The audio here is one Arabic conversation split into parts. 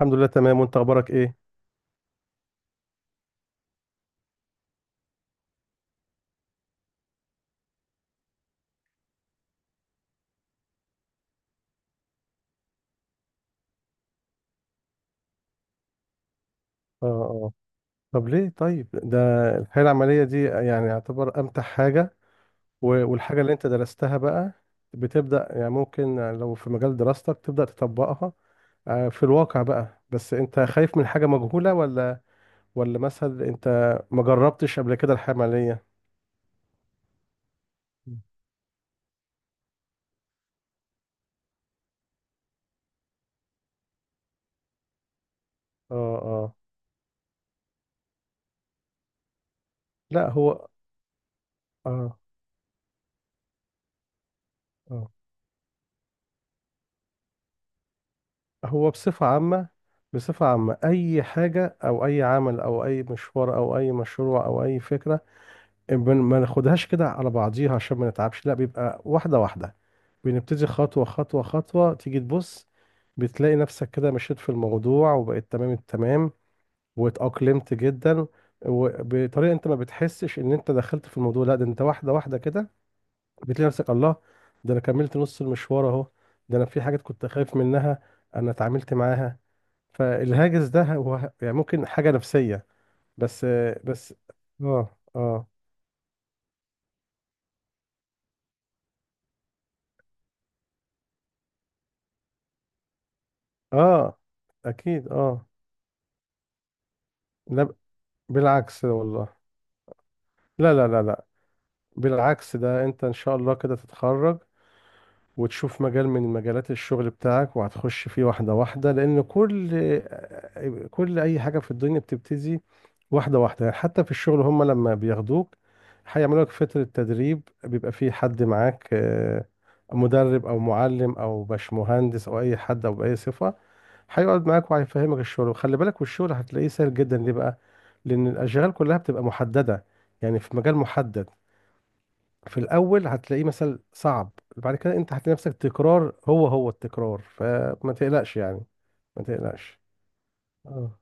الحمد لله تمام، وانت اخبارك ايه؟ اه اه. طب ليه طيب؟ ده الحياة العملية دي يعني يعتبر امتع حاجة، والحاجة اللي انت درستها بقى بتبدأ، يعني ممكن لو في مجال دراستك تبدأ تطبقها. في الواقع بقى، بس انت خايف من حاجة مجهولة، ولا ولا مثلا انت ما جربتش قبل كده الحياة العملية؟ اه اه. لا هو، اه اه. هو بصفة عامة، أي حاجة أو أي عمل أو أي مشوار أو أي مشروع أو أي فكرة، ما ناخدهاش كده على بعضيها عشان ما نتعبش، لا بيبقى واحدة واحدة، بنبتدي خطوة خطوة خطوة، تيجي تبص بتلاقي نفسك كده مشيت في الموضوع وبقيت تمام التمام واتأقلمت جدا، وبطريقة انت ما بتحسش ان انت دخلت في الموضوع، لا ده انت واحدة واحدة كده بتلاقي نفسك. الله، ده انا كملت نص المشوار اهو، ده انا في حاجات كنت خايف منها انا اتعاملت معاها. فالهاجس ده هو يعني ممكن حاجة نفسية بس بس. اه اه اه، اكيد اه. لا بالعكس والله، لا لا لا لا، بالعكس ده انت ان شاء الله كده تتخرج وتشوف مجال من مجالات الشغل بتاعك وهتخش فيه واحدة واحدة، لان كل اي حاجة في الدنيا بتبتدي واحدة واحدة. يعني حتى في الشغل، هم لما بياخدوك هيعملوا لك فترة تدريب، بيبقى فيه حد معاك، مدرب او معلم او باشمهندس او اي حد او باي صفة، هيقعد معاك وهيفهمك الشغل، وخلي بالك، والشغل هتلاقيه سهل جدا. ليه بقى؟ لان الاشغال كلها بتبقى محدده، يعني في مجال محدد. في الاول هتلاقيه مثلا صعب، بعد كده انت هتلاقي نفسك تكرار، هو هو التكرار، فما تقلقش يعني، ما تقلقش. اه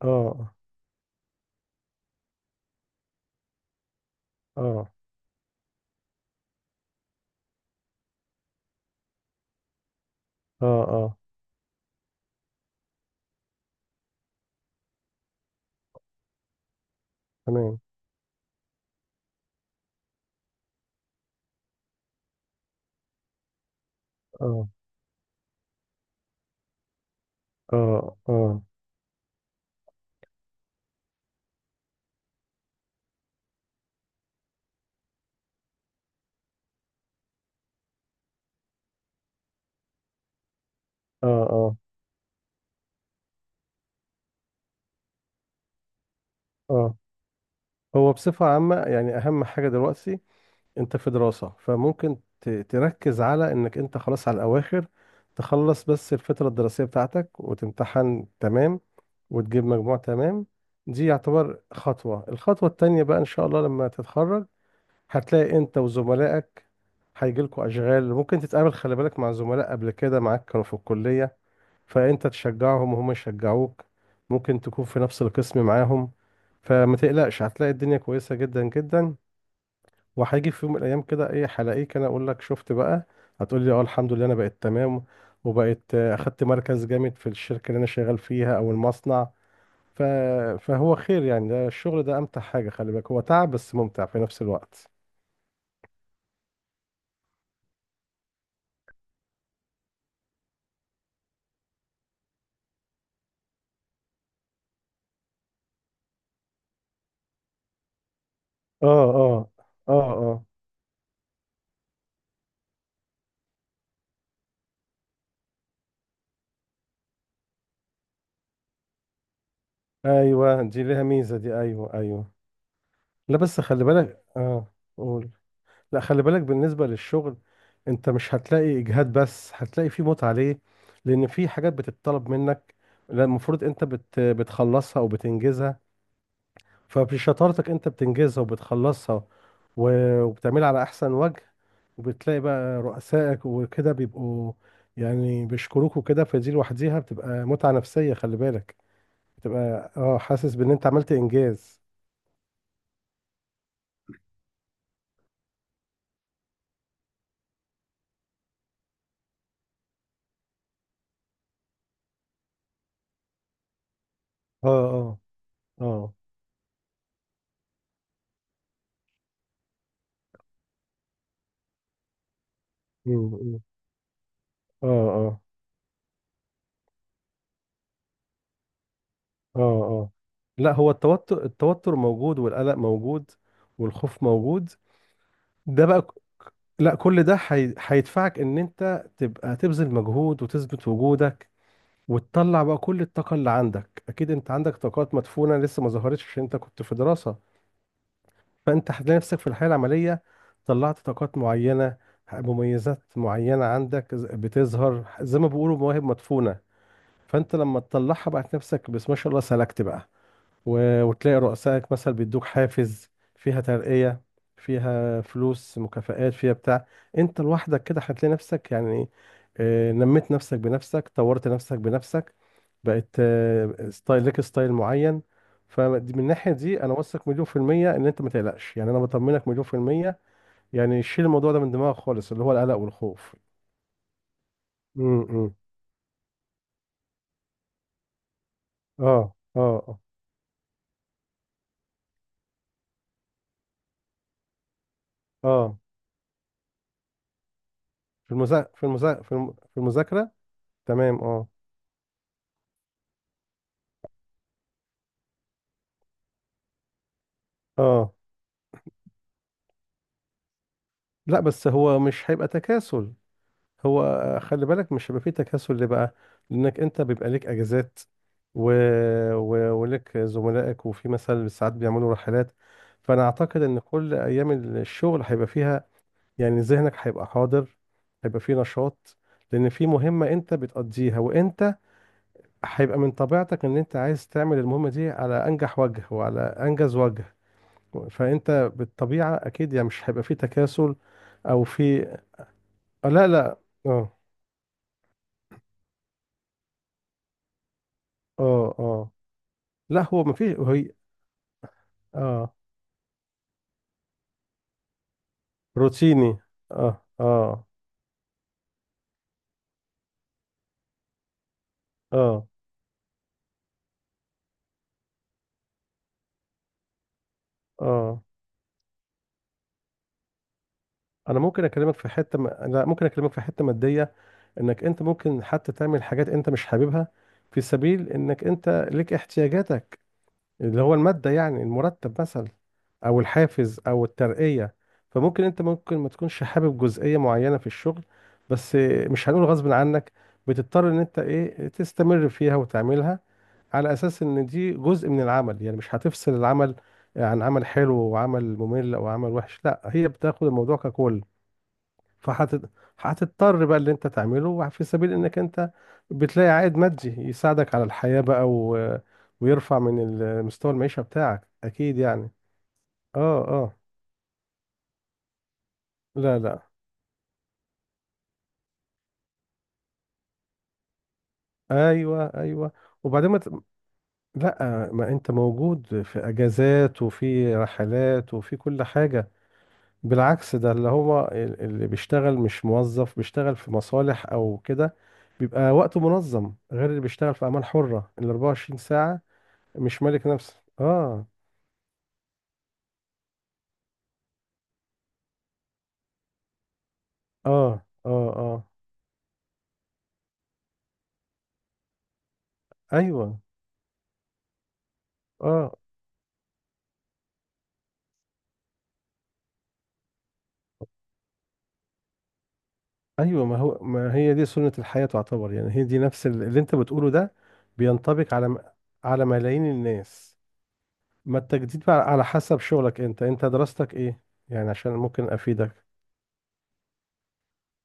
اه اه اه اه، تمام، اه اه اه اه اه اه. هو بصفة عامة يعني أهم حاجة دلوقتي انت في دراسة، فممكن تركز على انك انت خلاص على الاواخر، تخلص بس الفترة الدراسية بتاعتك وتمتحن تمام وتجيب مجموع تمام. دي يعتبر خطوة. الخطوة التانية بقى ان شاء الله لما تتخرج، هتلاقي انت وزملائك هيجيلكوا اشغال، ممكن تتقابل خلي بالك مع زملاء قبل كده معاك كانوا في الكلية، فانت تشجعهم وهم يشجعوك، ممكن تكون في نفس القسم معاهم. فما تقلقش، هتلاقي الدنيا كويسة جدا جدا، وهيجي في يوم من الايام كده، ايه، هلاقيك انا اقول لك شفت بقى، هتقول لي اه الحمد لله انا بقيت تمام، وبقيت اخدت مركز جامد في الشركه اللي انا شغال فيها او المصنع. ف... فهو خير يعني. ده الشغل ده امتع حاجه، خلي بالك، هو تعب بس ممتع في نفس الوقت. اه اه اه اه، ايوه دي ليها ميزه دي، ايوه ايوه. لا بس خلي بالك، اه، قول. لا خلي بالك، بالنسبة للشغل انت مش هتلاقي اجهاد، بس هتلاقي فيه متعة. ليه؟ لان في حاجات بتتطلب منك، لا المفروض انت بتخلصها او بتنجزها، فبشطارتك انت بتنجزها وبتخلصها وبتعملها على احسن وجه، وبتلاقي بقى رؤسائك وكده بيبقوا يعني بيشكروك وكده، فدي لوحديها بتبقى متعة نفسية، خلي بالك، بتبقى حاسس بان انت عملت انجاز. اه اه اه، مم، مم. اه اه اه. لا هو التوتر، موجود، والقلق موجود، والخوف موجود. ده بقى لا كل ده هيدفعك ان انت تبقى تبذل مجهود وتثبت وجودك، وتطلع بقى كل الطاقة اللي عندك. اكيد انت عندك طاقات مدفونة لسه ما ظهرتش عشان انت كنت في دراسة، فانت هتلاقي نفسك في الحياة العملية طلعت طاقات معينة، مميزات معينة عندك بتظهر زي ما بيقولوا مواهب مدفونة. فانت لما تطلعها بقى نفسك، بس ما شاء الله سلكت بقى، وتلاقي رؤسائك مثلا بيدوك حافز، فيها ترقية، فيها فلوس، مكافآت، فيها بتاع. انت لوحدك كده هتلاقي نفسك يعني، نميت نفسك بنفسك، طورت نفسك بنفسك، بقت ستايل لك، ستايل معين. فمن الناحية دي أنا واثق مليون في المية إن أنت ما تقلقش، يعني أنا بطمنك مليون في المية، يعني شيل الموضوع ده من دماغك خالص، اللي هو القلق والخوف. امم، اه اه اه. آه. في المذاكرة. تمام، اه اه. لا بس هو مش هيبقى تكاسل، هو خلي بالك مش هيبقى فيه تكاسل. ليه بقى؟ لانك انت بيبقى ليك اجازات، و... ولك زملائك، وفي مثلا ساعات بيعملوا رحلات. فانا اعتقد ان كل ايام الشغل هيبقى فيها، يعني ذهنك هيبقى حاضر، هيبقى فيه نشاط، لان في مهمة انت بتقضيها، وانت هيبقى من طبيعتك ان انت عايز تعمل المهمة دي على انجح وجه وعلى انجز وجه، فانت بالطبيعة اكيد يعني مش هيبقى فيه تكاسل. او في، لا لا. اه اه اه. لا هو مفيش هي. اه، روتيني، اه اه اه اه. انا ممكن اكلمك في حته م... لا ممكن اكلمك في حته ماديه، انك انت ممكن حتى تعمل حاجات انت مش حاببها في سبيل انك انت ليك احتياجاتك، اللي هو المادة، يعني المرتب مثلا، أو الحافز أو الترقية. فممكن أنت ممكن ما تكونش حابب جزئية معينة في الشغل، بس، مش هنقول غصب عنك، بتضطر إن أنت تستمر فيها وتعملها، على أساس إن دي جزء من العمل. يعني مش هتفصل العمل عن عمل حلو وعمل ممل أو عمل وحش، لا هي بتاخد الموضوع ككل. فهتض... هتضطر بقى اللي انت تعمله في سبيل انك انت بتلاقي عائد مادي يساعدك على الحياة بقى، ويرفع من مستوى المعيشة بتاعك، اكيد يعني. اه اه، لا لا، ايوه ايوه. وبعدين ما ت... لا ما انت موجود في اجازات وفي رحلات وفي كل حاجة. بالعكس، ده اللي هو اللي بيشتغل مش موظف بيشتغل في مصالح او كده بيبقى وقته منظم، غير اللي بيشتغل في اعمال حرة ال 24 ساعة، مش مالك نفسه، اه. اه اه اه، ايوه اه. ايوه ما هو ما هي دي سنة الحياة تعتبر، يعني هي دي نفس اللي انت بتقوله ده بينطبق على على ملايين الناس. ما التجديد بقى على حسب شغلك انت، انت دراستك ايه؟ يعني عشان ممكن افيدك.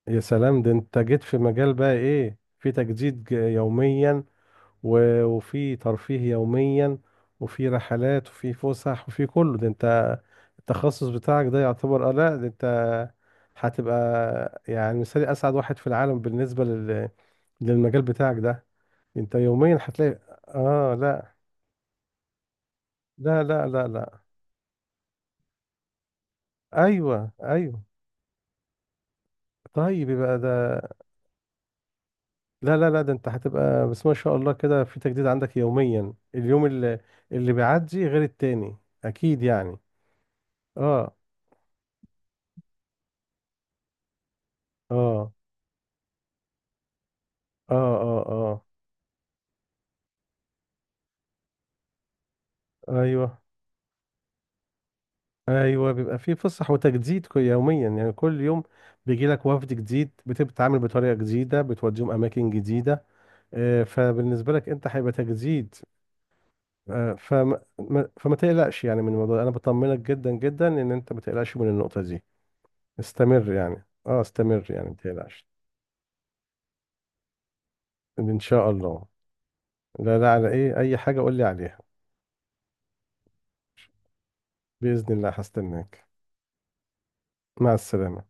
يا سلام، ده انت جيت في مجال بقى، ايه، في تجديد يوميا، وفي ترفيه يوميا، وفي رحلات وفي فسح وفي كله ده. انت التخصص بتاعك ده يعتبر، لا ده انت هتبقى يعني مثالي، اسعد واحد في العالم بالنسبة للمجال بتاعك ده. انت يوميا هتلاقي، اه، لا لا لا لا لا، ايوه ايوه. طيب يبقى ده، لا لا لا ده انت هتبقى بس ما شاء الله كده في تجديد عندك يوميا، اليوم اللي بيعدي غير التاني، اكيد يعني. اه اه اه اه اه، ايوه ايوه. بيبقى فيه فسح وتجديد يوميا يعني كل يوم بيجي لك وفد جديد، بتبقى بتتعامل بطريقه جديده، بتوديهم اماكن جديده. فبالنسبه لك انت هيبقى تجديد. آه، فما ما- فما تقلقش يعني من الموضوع ده. انا بطمنك جدا جدا ان انت ما تقلقش من النقطه دي. استمر يعني، اه، استمر يعني ما تقلقش. ان شاء الله. لا لا، على ايه، اي حاجه قول لي عليها. باذن الله هستناك. مع السلامه.